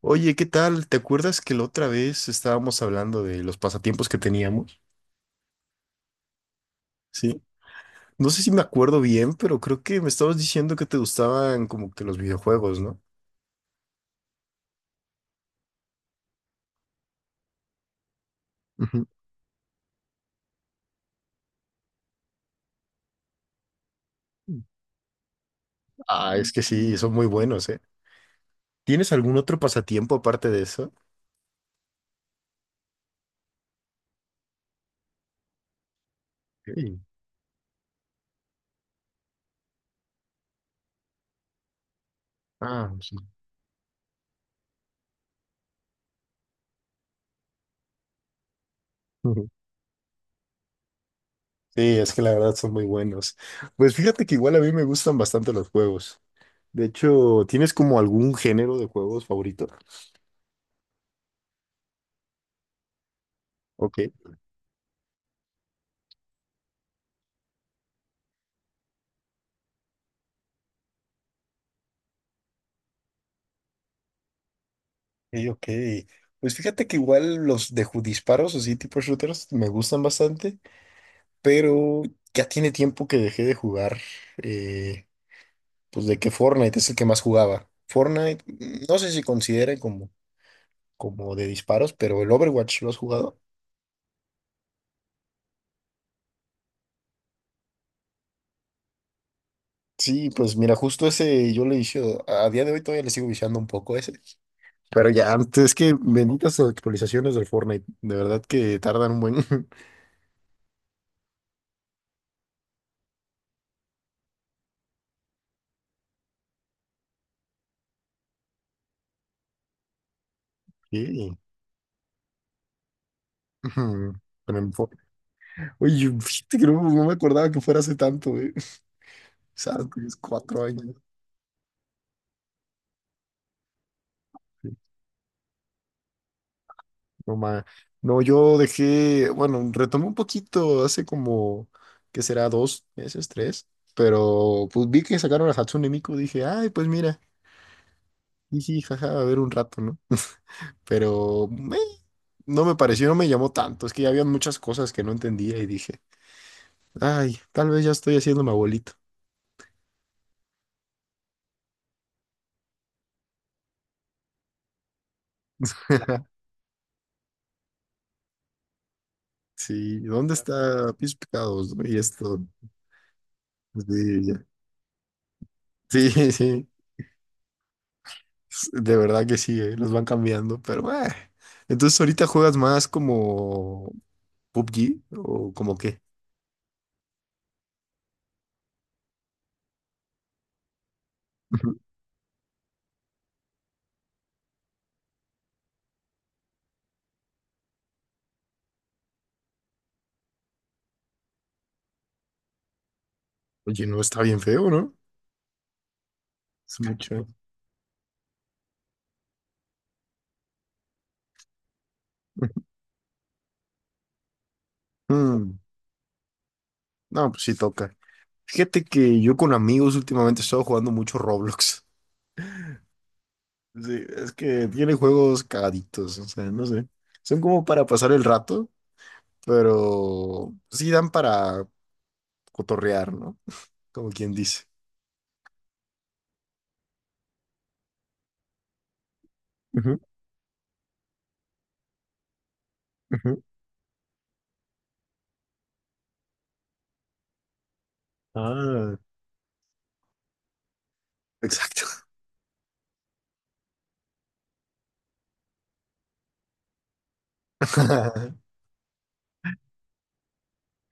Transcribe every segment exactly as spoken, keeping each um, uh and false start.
Oye, ¿qué tal? ¿Te acuerdas que la otra vez estábamos hablando de los pasatiempos que teníamos? Sí. No sé si me acuerdo bien, pero creo que me estabas diciendo que te gustaban como que los videojuegos, ¿no? Ujú. Ah, es que sí, son muy buenos, ¿eh? ¿Tienes algún otro pasatiempo aparte de eso? Sí. Ah, sí. Ujú. Sí, es que la verdad son muy buenos. Pues fíjate que igual a mí me gustan bastante los juegos. De hecho, ¿tienes como algún género de juegos favorito? Ok. Ok, ok. Pues fíjate que igual los de ju- disparos, así tipo shooters, me gustan bastante, pero ya tiene tiempo que dejé de jugar, eh, pues de que Fortnite es el que más jugaba. Fortnite, mm, no sé si considere como, como de disparos, pero el Overwatch lo has jugado. Sí, pues mira, justo ese yo le vicio, a día de hoy todavía le sigo viciando un poco ese. Pero ya, antes es que benditas actualizaciones del Fortnite, de verdad que tardan un buen... Sí. Ujú. Pero en Fortnite. Oye, yo- fíjate que no, no me acordaba que fuera hace tanto, güey. O sea, tienes cuatro años. Güey. No, ma. No, yo dejé, bueno, retomé un poquito hace como, ¿qué será? Dos meses, tres. Pero pues vi que sacaron a Hatsune Miku, dije, ay, pues mira, jiji, jaja, a ver un rato, ¿no? Pero meh, no me pareció, no me llamó tanto. Es que ya había muchas cosas que no entendía y dije, ay, tal vez ya estoy haciendo mi abuelito. Sí, ¿dónde está Pies Picados? ¿No? Y esto. Sí, sí, de verdad que sí, eh, los van cambiando, pero eh. Entonces ahorita juegas más como P U B G o como qué. Ujú. Oye, no está bien feo, ¿no? Es mucho. Mm. No, pues sí toca. Fíjate que yo con amigos últimamente he estado jugando mucho Roblox. Sí, es que tiene juegos cagaditos, o sea, no sé. Son como para pasar el rato, pero sí dan para cotorrear, ¿no? Como quien dice. Ujú, ujú. Ah, exacto.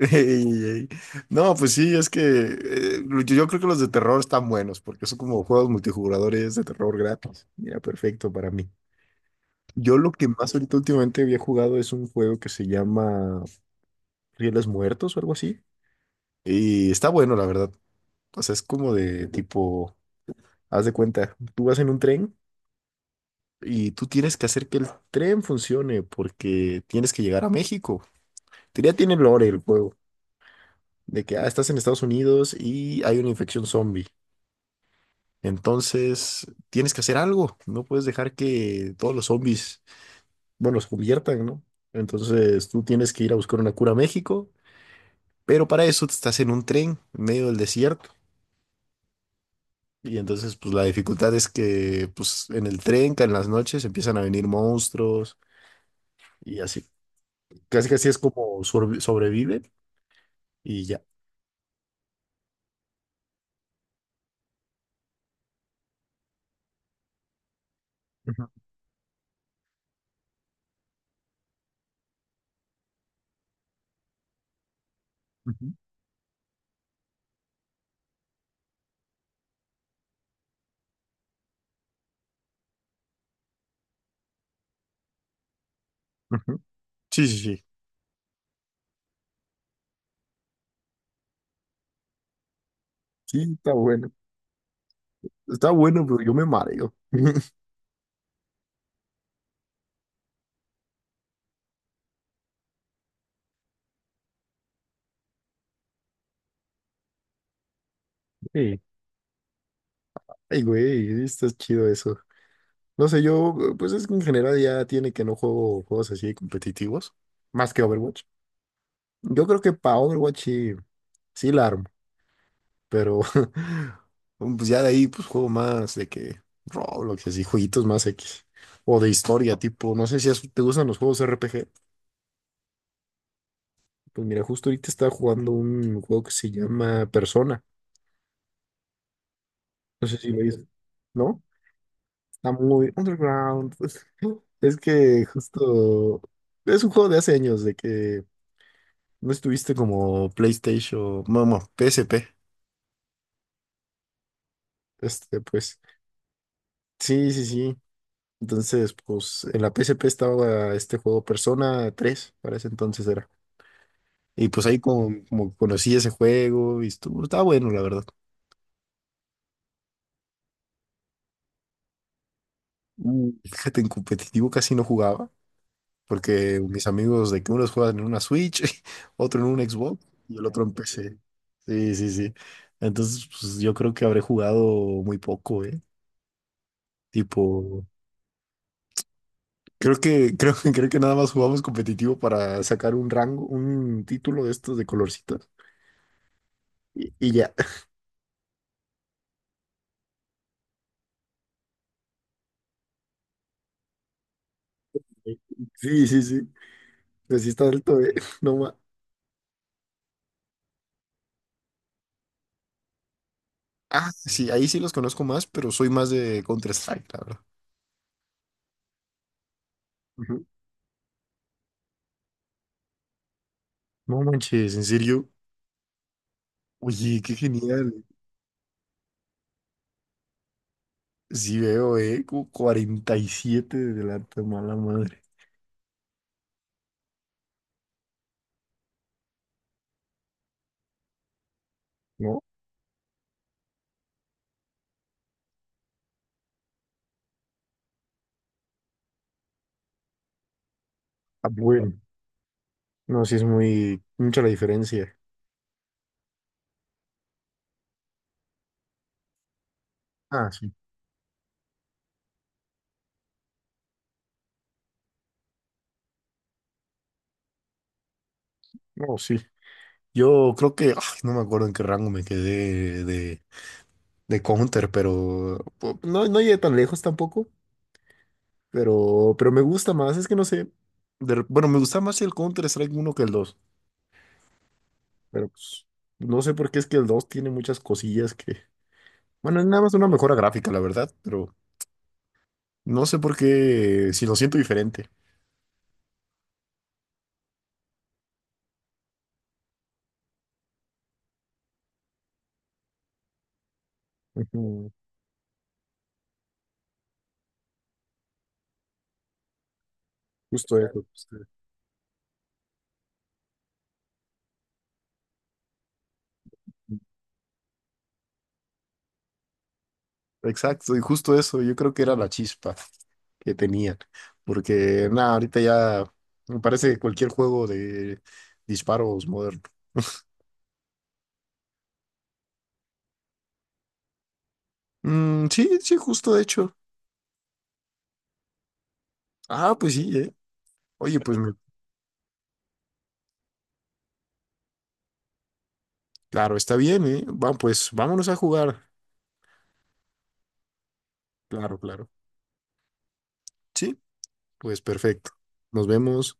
Ey, ey. No, pues sí, es que eh, yo yo creo que los de terror están buenos porque son como juegos multijugadores de terror gratis. Mira, perfecto para mí. Yo lo que más ahorita últimamente había jugado es un juego que se llama Rieles Muertos o algo así. Y está bueno, la verdad. O sea, es como de tipo, haz de cuenta, tú vas en un tren y tú tienes que hacer que el tren funcione porque tienes que llegar a México. Ya tiene lore el juego, de que, ah, estás en Estados Unidos y hay una infección zombie. Entonces, tienes que hacer algo. No puedes dejar que todos los zombies, bueno, los conviertan, ¿no? Entonces, tú tienes que ir a buscar una cura a México, pero para eso estás en un tren en medio del desierto. Y entonces, pues la dificultad es que, pues en el tren, que en las noches empiezan a venir monstruos y así. Casi casi es como sorbi- sobrevive y ya. Ujú, ujú, ujú. Sí, sí, sí. Sí, está bueno. Está bueno, pero yo me mareo. Sí. Ay, güey, está chido eso. No sé, yo, eh, pues es que en general ya tiene que no juego juegos así competitivos, más que Overwatch. Yo creo que para Overwatch sí, sí la armo, pero pues ya de ahí pues juego más de que Roblox, así, jueguitos más X. O de historia, tipo, no sé si es- te gustan los juegos R P G. Pues mira, justo ahorita estaba jugando un juego que se llama Persona. No sé si lo oyes, ¿no? Está muy underground. Pues, es que justo es un juego de hace años, de que no estuviste como PlayStation, vamos, P S P. Este, pues, sí, sí, sí. Entonces, pues, en la P S P estaba este juego Persona tres para ese entonces era. Y pues ahí como, como conocí ese juego y estuvo, estaba bueno, la verdad. Mm. Fíjate, en competitivo casi no jugaba, porque mis amigos de que unos juegan en una Switch, otro en un Xbox y el otro en P C. Sí, sí, sí. Entonces, pues yo creo que habré jugado muy poco, ¿eh? Tipo, creo que, creo, que- creo que nada más jugamos competitivo para sacar un rango, un título de estos de colorcitos. Y, y ya. Sí, sí, sí. Pues sí está alto, ¿eh? No más. Ah, sí, ahí sí los conozco más, pero soy más de Counter-Strike, la verdad. Ujú. No manches, en serio. Oye, qué genial. Sí veo, eh, como cuarenta y siete de delante, mala madre. No, ah, bueno, no, sí es muy, mucha la diferencia. Ah, sí, no, sí. Yo creo que, ay, no me acuerdo en qué rango me quedé de, de, Counter, pero pu- no, no llegué tan lejos tampoco, pero, pero me gusta más, es que no sé, de re- bueno, me gusta más el Counter Strike uno que el dos, pero pues no sé por qué es que el dos tiene muchas cosillas que, bueno, es nada más una mejora gráfica, la verdad, pero no sé por qué, si lo siento diferente. Ujú. Justo eso. Justo eso. Exacto, y justo eso, yo creo que era la chispa que tenían. Porque, nada, ahorita ya me parece cualquier juego de disparos moderno. Mm, sí, sí, justo de hecho. Ah, pues sí, ¿eh? Oye, pues me- claro, está bien, ¿eh? Va, pues vámonos a jugar. Claro, claro. Sí, pues perfecto. Nos vemos.